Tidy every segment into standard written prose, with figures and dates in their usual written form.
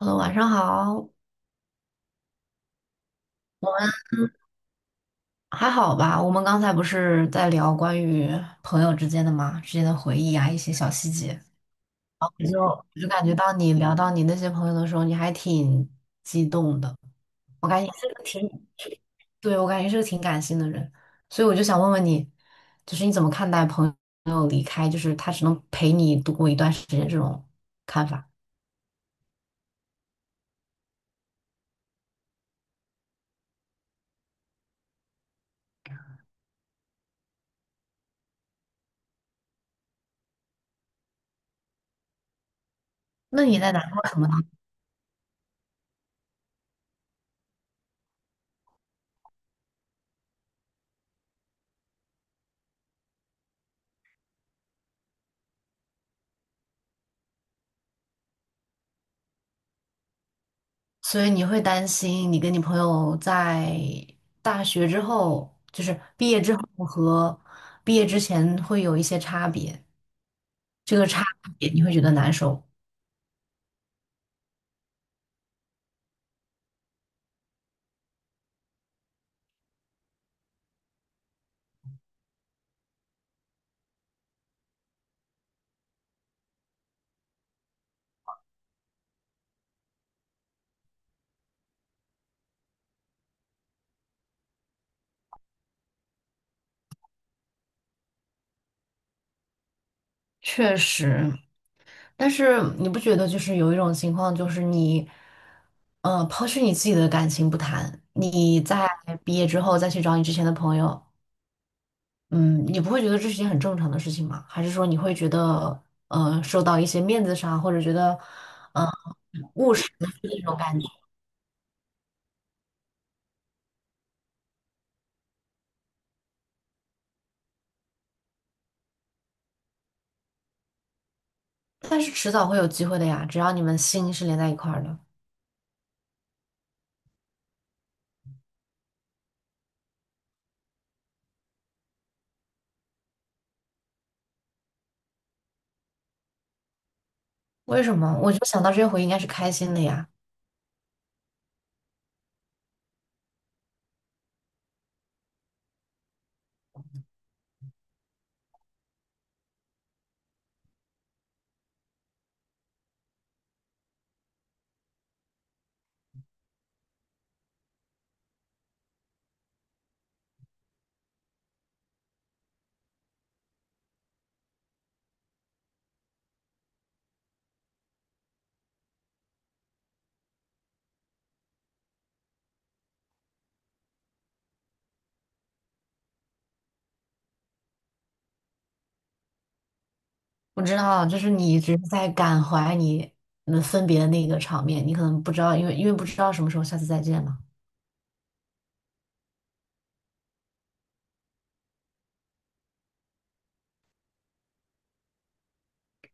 hello，晚上好，嗯，还好吧。我们刚才不是在聊关于朋友之间的嘛，之间的回忆啊，一些小细节。然后我就感觉到你聊到你那些朋友的时候，你还挺激动的。我感觉你是个挺，对，我感觉你是个挺感性的人，所以我就想问问你，就是你怎么看待朋友离开，就是他只能陪你度过一段时间这种看法？那你在难过什么呢？所以你会担心你跟你朋友在大学之后，就是毕业之后和毕业之前会有一些差别，这个差别你会觉得难受。确实，但是你不觉得就是有一种情况，就是你，抛去你自己的感情不谈，你在毕业之后再去找你之前的朋友，嗯，你不会觉得这是件很正常的事情吗？还是说你会觉得，受到一些面子上，或者觉得，嗯、务实的那种感觉？但是迟早会有机会的呀，只要你们心是连在一块儿的。为什么？我就想到这些回忆应该是开心的呀。我知道，就是你一直在感怀你们分别的那个场面，你可能不知道，因为不知道什么时候下次再见嘛。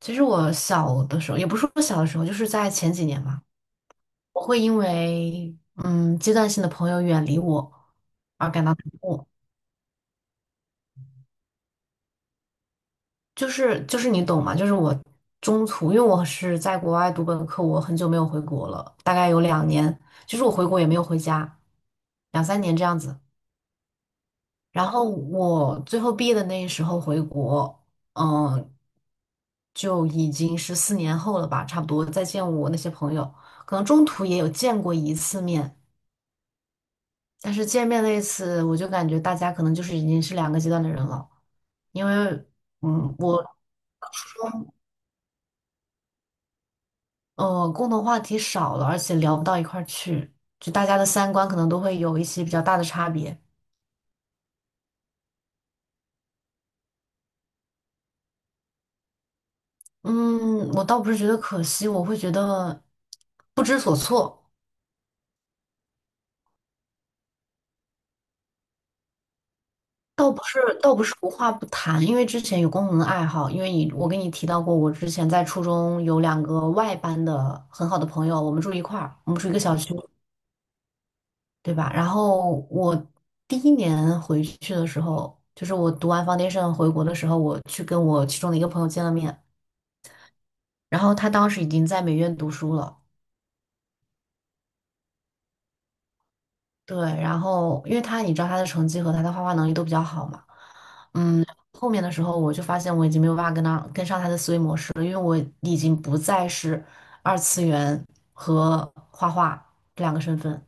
其实我小的时候，也不是说小的时候，就是在前几年嘛。我会因为阶段性的朋友远离我而感到难过，就是你懂吗？就是我中途，因为我是在国外读本科，我很久没有回国了，大概有2年，就是我回国也没有回家，两三年这样子。然后我最后毕业的那时候回国，嗯，就已经是4年后了吧，差不多再见我那些朋友，可能中途也有见过一次面。但是见面那一次，我就感觉大家可能就是已经是两个阶段的人了，因为我共同话题少了，而且聊不到一块儿去，就大家的三观可能都会有一些比较大的差别。嗯，我倒不是觉得可惜，我会觉得不知所措。倒不是无话不谈，因为之前有共同的爱好，因为你，我跟你提到过，我之前在初中有两个外班的很好的朋友，我们住一块儿，我们住一个小区。对吧？然后我第一年回去的时候，就是我读完 foundation 回国的时候，我去跟我其中的一个朋友见了面，然后他当时已经在美院读书了，对，然后因为他你知道他的成绩和他的画画能力都比较好嘛，嗯，后面的时候我就发现我已经没有办法跟他跟上他的思维模式了，因为我已经不再是二次元和画画两个身份。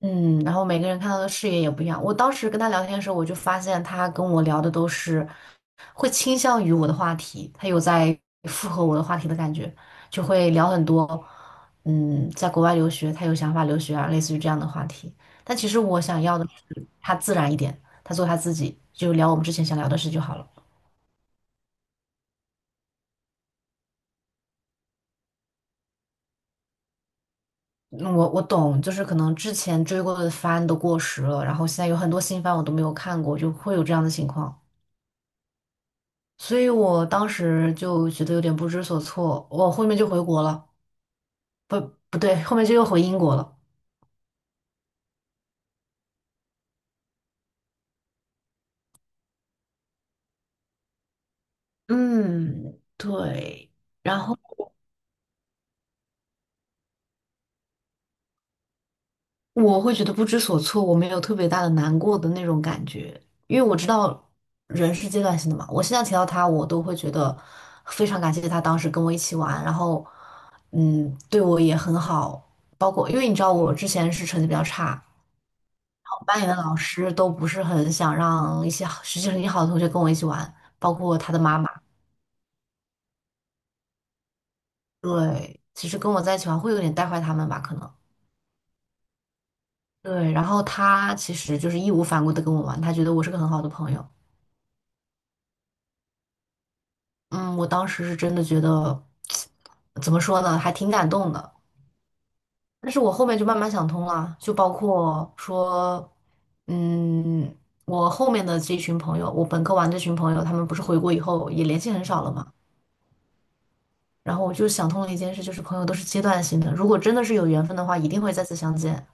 嗯，然后每个人看到的视野也不一样。我当时跟他聊天的时候，我就发现他跟我聊的都是会倾向于我的话题，他有在附和我的话题的感觉，就会聊很多，在国外留学，他有想法留学啊，类似于这样的话题。但其实我想要的是他自然一点，他做他自己，就聊我们之前想聊的事就好了。嗯，我懂，就是可能之前追过的番都过时了，然后现在有很多新番我都没有看过，就会有这样的情况。所以我当时就觉得有点不知所措，我后面就回国了，不，不对，后面就又回英国了。嗯，对。然后我会觉得不知所措，我没有特别大的难过的那种感觉，因为我知道人是阶段性的嘛。我现在提到他，我都会觉得非常感谢他当时跟我一起玩，然后对我也很好。包括因为你知道我之前是成绩比较差，班里的老师都不是很想让一些好学习成绩好的同学跟我一起玩，包括他的妈妈。对，其实跟我在一起玩会有点带坏他们吧，可能。对，然后他其实就是义无反顾的跟我玩，他觉得我是个很好的朋友。嗯，我当时是真的觉得，怎么说呢，还挺感动的。但是我后面就慢慢想通了，就包括说，嗯，我后面的这群朋友，我本科玩这群朋友，他们不是回国以后也联系很少了嘛。然后我就想通了一件事，就是朋友都是阶段性的，如果真的是有缘分的话，一定会再次相见。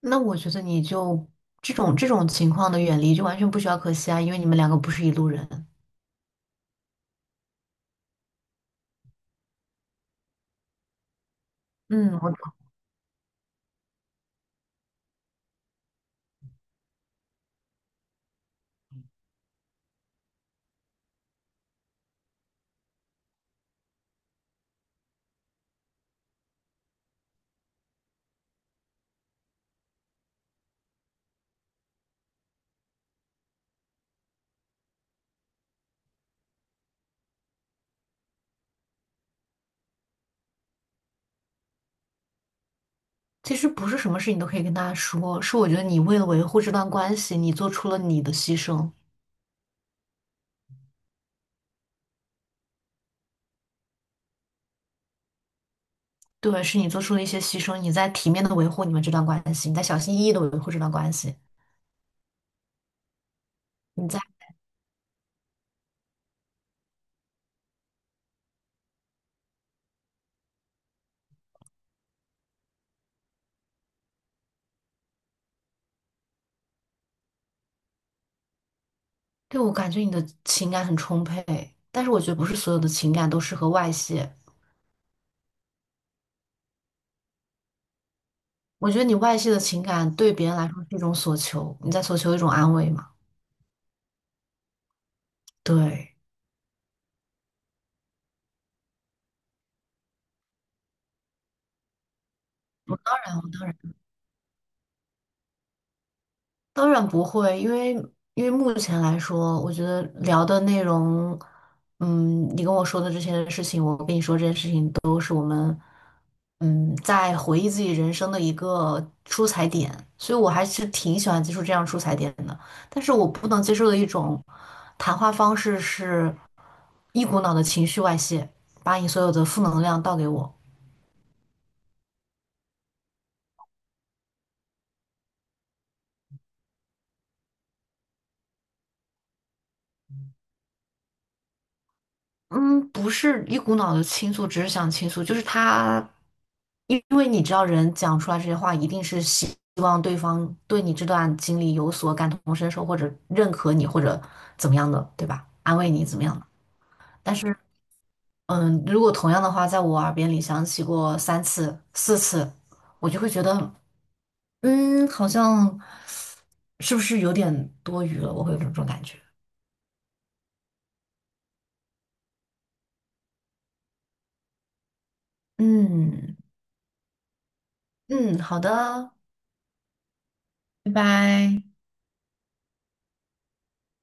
那我觉得你就这种情况的远离就完全不需要可惜啊，因为你们两个不是一路人。嗯，我其实不是什么事你都可以跟大家说，是我觉得你为了维护这段关系，你做出了你的牺牲。对，是你做出了一些牺牲，你在体面的维护你们这段关系，你在小心翼翼的维护这段关系，你在，对，我感觉你的情感很充沛，但是我觉得不是所有的情感都适合外泄。我觉得你外泄的情感对别人来说是一种索求，你在索求一种安慰嘛？对，当然，当然，当然不会，因为目前来说，我觉得聊的内容，你跟我说的这些事情，我跟你说这些事情都，嗯，在回忆自己人生的一个出彩点，所以我还是挺喜欢接触这样出彩点的。但是我不能接受的一种谈话方式是，一股脑的情绪外泄，把你所有的负能量倒给我。嗯，不是一股脑的倾诉，只是想倾诉，就是他，因为你知道，人讲出来这些话，一定是希望对方对你这段经历有所感同身受，或者认可你，或者怎么样的，对吧？安慰你怎么样的？但是，如果同样的话在我耳边里响起过3次、4次，我就会觉得，好像是不是有点多余了？我会有这种感觉。嗯嗯，好的哦，拜拜。